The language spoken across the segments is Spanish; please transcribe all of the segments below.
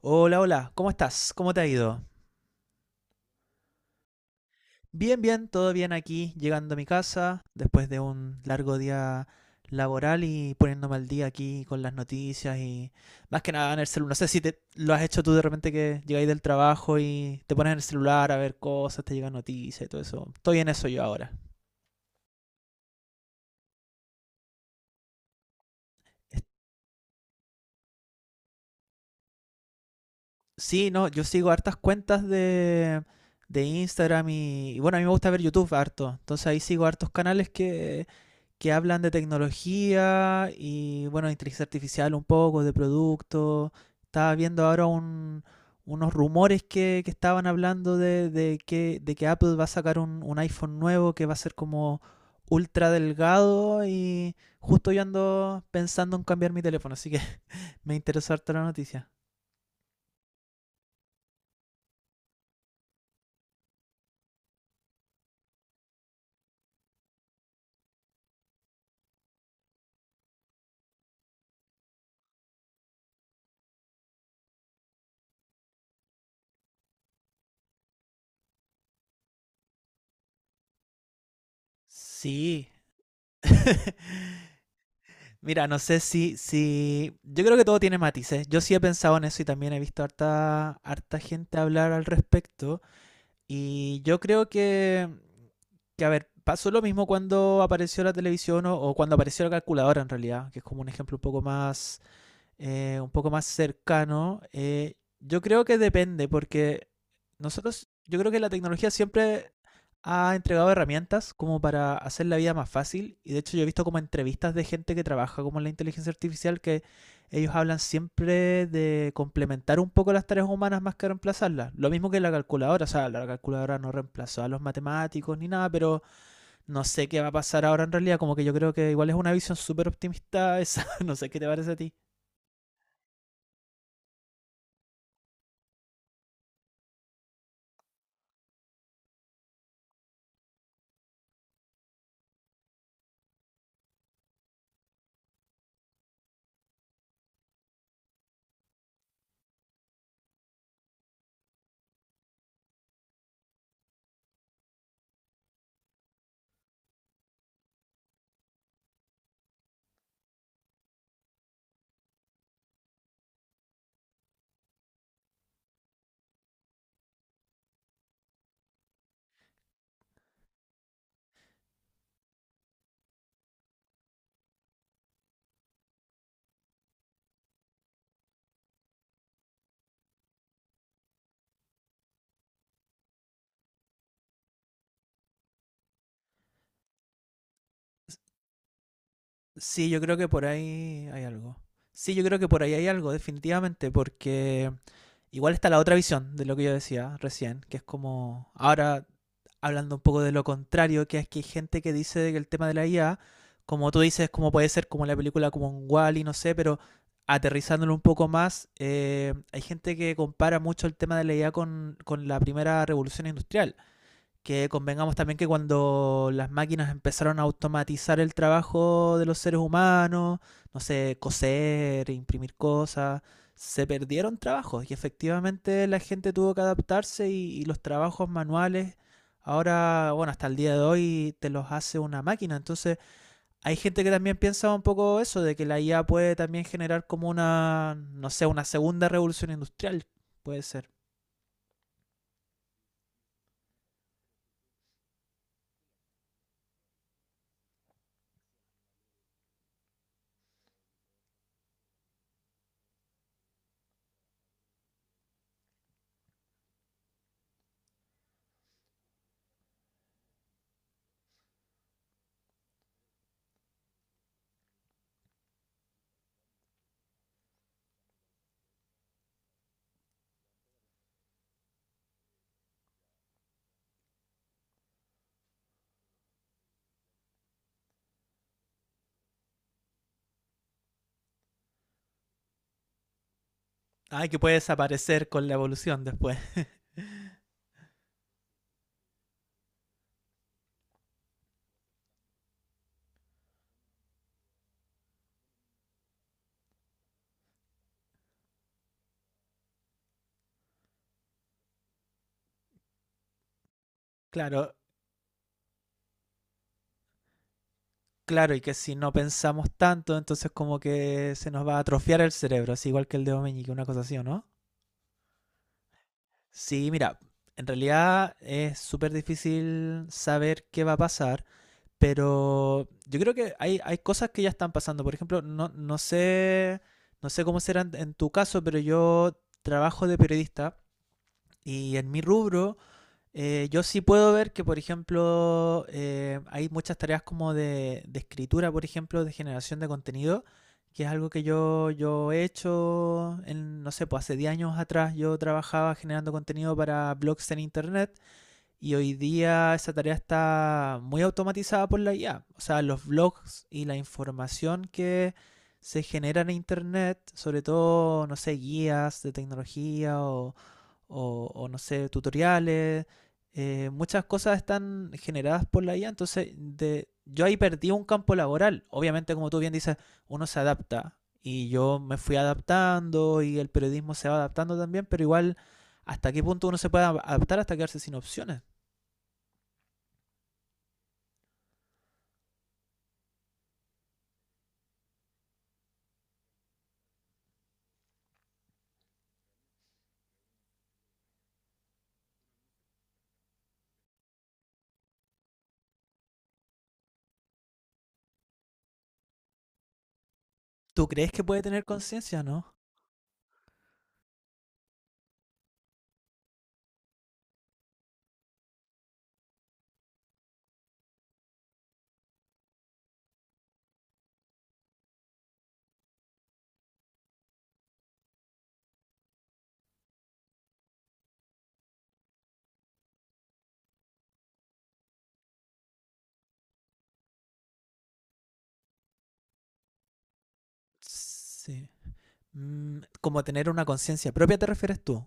Hola, hola, ¿cómo estás? ¿Cómo te ha ido? Bien, bien, todo bien aquí, llegando a mi casa después de un largo día laboral y poniéndome al día aquí con las noticias y más que nada en el celular. No sé si te, lo has hecho tú de repente que llegáis del trabajo y te pones en el celular a ver cosas, te llegan noticias y todo eso. Estoy en eso yo ahora. Es- Sí, no, yo sigo hartas cuentas de Instagram y bueno, a mí me gusta ver YouTube harto. Entonces ahí sigo hartos canales que hablan de tecnología y, bueno, de inteligencia artificial un poco, de productos. Estaba viendo ahora unos rumores que estaban hablando de que Apple va a sacar un iPhone nuevo que va a ser como ultra delgado y justo yo ando pensando en cambiar mi teléfono, así que me interesó harto la noticia. Sí. Mira, no sé si, si. Yo creo que todo tiene matices. Yo sí he pensado en eso y también he visto harta gente hablar al respecto. Y yo creo que a ver, pasó lo mismo cuando apareció la televisión o cuando apareció la calculadora en realidad, que es como un ejemplo un poco más cercano, yo creo que depende, porque nosotros, yo creo que la tecnología siempre ha entregado herramientas como para hacer la vida más fácil. Y de hecho yo he visto como entrevistas de gente que trabaja como en la inteligencia artificial que ellos hablan siempre de complementar un poco las tareas humanas más que reemplazarlas. Lo mismo que la calculadora, o sea, la calculadora no reemplazó a los matemáticos ni nada, pero no sé qué va a pasar ahora en realidad. Como que yo creo que igual es una visión súper optimista esa, no sé qué te parece a ti. Sí, yo creo que por ahí hay algo. Sí, yo creo que por ahí hay algo, definitivamente, porque igual está la otra visión de lo que yo decía recién, que es como, ahora hablando un poco de lo contrario, que es que hay gente que dice que el tema de la IA, como tú dices, como puede ser como la película como un Wall-E, no sé, pero aterrizándolo un poco más, hay gente que compara mucho el tema de la IA con la primera revolución industrial que convengamos también que cuando las máquinas empezaron a automatizar el trabajo de los seres humanos, no sé, coser, imprimir cosas, se perdieron trabajos y efectivamente la gente tuvo que adaptarse y los trabajos manuales ahora, bueno, hasta el día de hoy te los hace una máquina. Entonces, hay gente que también piensa un poco eso, de que la IA puede también generar como una, no sé, una segunda revolución industrial, puede ser. Ay, que puede desaparecer con la evolución después. Claro. Claro, y que si no pensamos tanto, entonces como que se nos va a atrofiar el cerebro, así igual que el dedo meñique, una cosa así, ¿o no? Sí, mira, en realidad es súper difícil saber qué va a pasar, pero yo creo que hay cosas que ya están pasando. Por ejemplo, no, no sé cómo será en tu caso, pero yo trabajo de periodista y en mi rubro. Yo sí puedo ver que, por ejemplo, hay muchas tareas como de escritura, por ejemplo, de generación de contenido, que es algo que yo he hecho, en, no sé, pues hace 10 años atrás yo trabajaba generando contenido para blogs en Internet y hoy día esa tarea está muy automatizada por la IA. O sea, los blogs y la información que se genera en Internet, sobre todo, no sé, guías de tecnología o no sé, tutoriales. Muchas cosas están generadas por la IA, entonces de, yo ahí perdí un campo laboral. Obviamente, como tú bien dices, uno se adapta y yo me fui adaptando y el periodismo se va adaptando también, pero igual, ¿hasta qué punto uno se puede adaptar hasta quedarse sin opciones? ¿Tú crees que puede tener conciencia, no? Sí. ¿Como tener una conciencia propia, te refieres tú?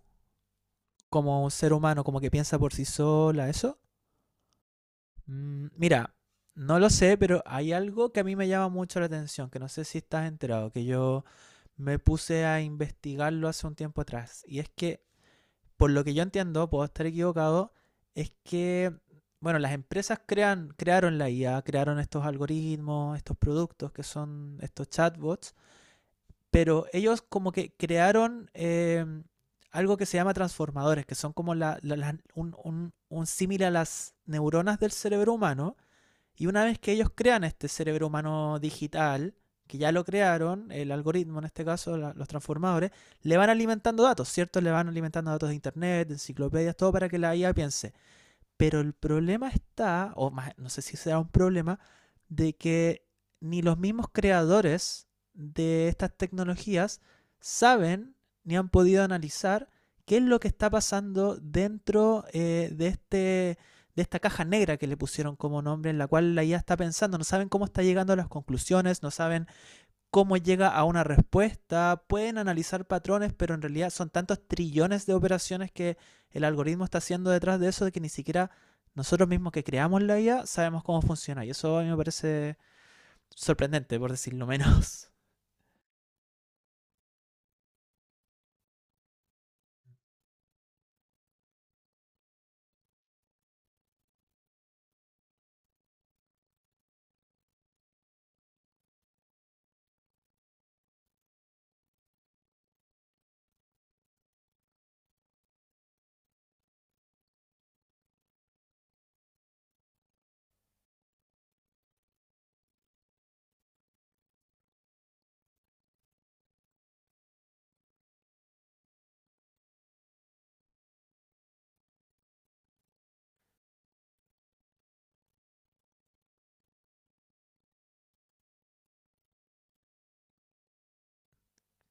¿Como un ser humano, como que piensa por sí sola, eso? Mira, no lo sé, pero hay algo que a mí me llama mucho la atención, que no sé si estás enterado, que yo me puse a investigarlo hace un tiempo atrás. Y es que, por lo que yo entiendo, puedo estar equivocado, es que, bueno, las empresas crearon la IA, crearon estos algoritmos, estos productos que son estos chatbots, pero ellos como que crearon algo que se llama transformadores, que son como un símil a las neuronas del cerebro humano y una vez que ellos crean este cerebro humano digital, que ya lo crearon, el algoritmo en este caso, los transformadores, le van alimentando datos, ¿cierto? Le van alimentando datos de internet, de enciclopedias, todo para que la IA piense. Pero el problema está, o más, no sé si será un problema, de que ni los mismos creadores de estas tecnologías saben ni han podido analizar qué es lo que está pasando dentro de esta caja negra que le pusieron como nombre, en la cual la IA está pensando. No saben cómo está llegando a las conclusiones, no saben cómo llega a una respuesta, pueden analizar patrones, pero en realidad son tantos trillones de operaciones que el algoritmo está haciendo detrás de eso de que ni siquiera nosotros mismos que creamos la IA sabemos cómo funciona. Y eso a mí me parece sorprendente, por decirlo menos.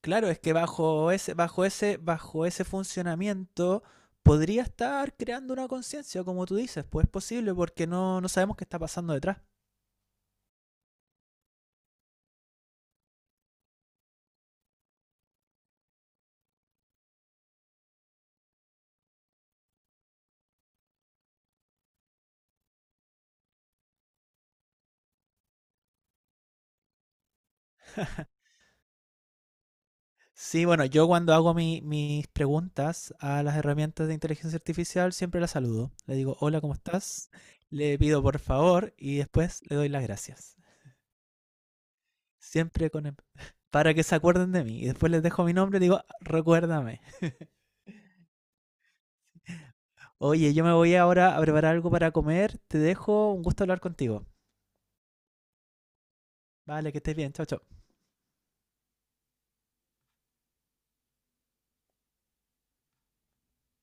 Claro, es que bajo ese funcionamiento podría estar creando una conciencia, como tú dices, pues es posible porque no, no sabemos qué está pasando detrás. Sí, bueno, yo cuando hago mis preguntas a las herramientas de inteligencia artificial siempre las saludo. Le digo, hola, ¿cómo estás? Le pido por favor y después le doy las gracias. Siempre con para que se acuerden de mí. Y después les dejo mi nombre y digo, "Ah, recuérdame." Oye, yo me voy ahora a preparar algo para comer. Te dejo, un gusto hablar contigo. Vale, que estés bien. Chao, chao.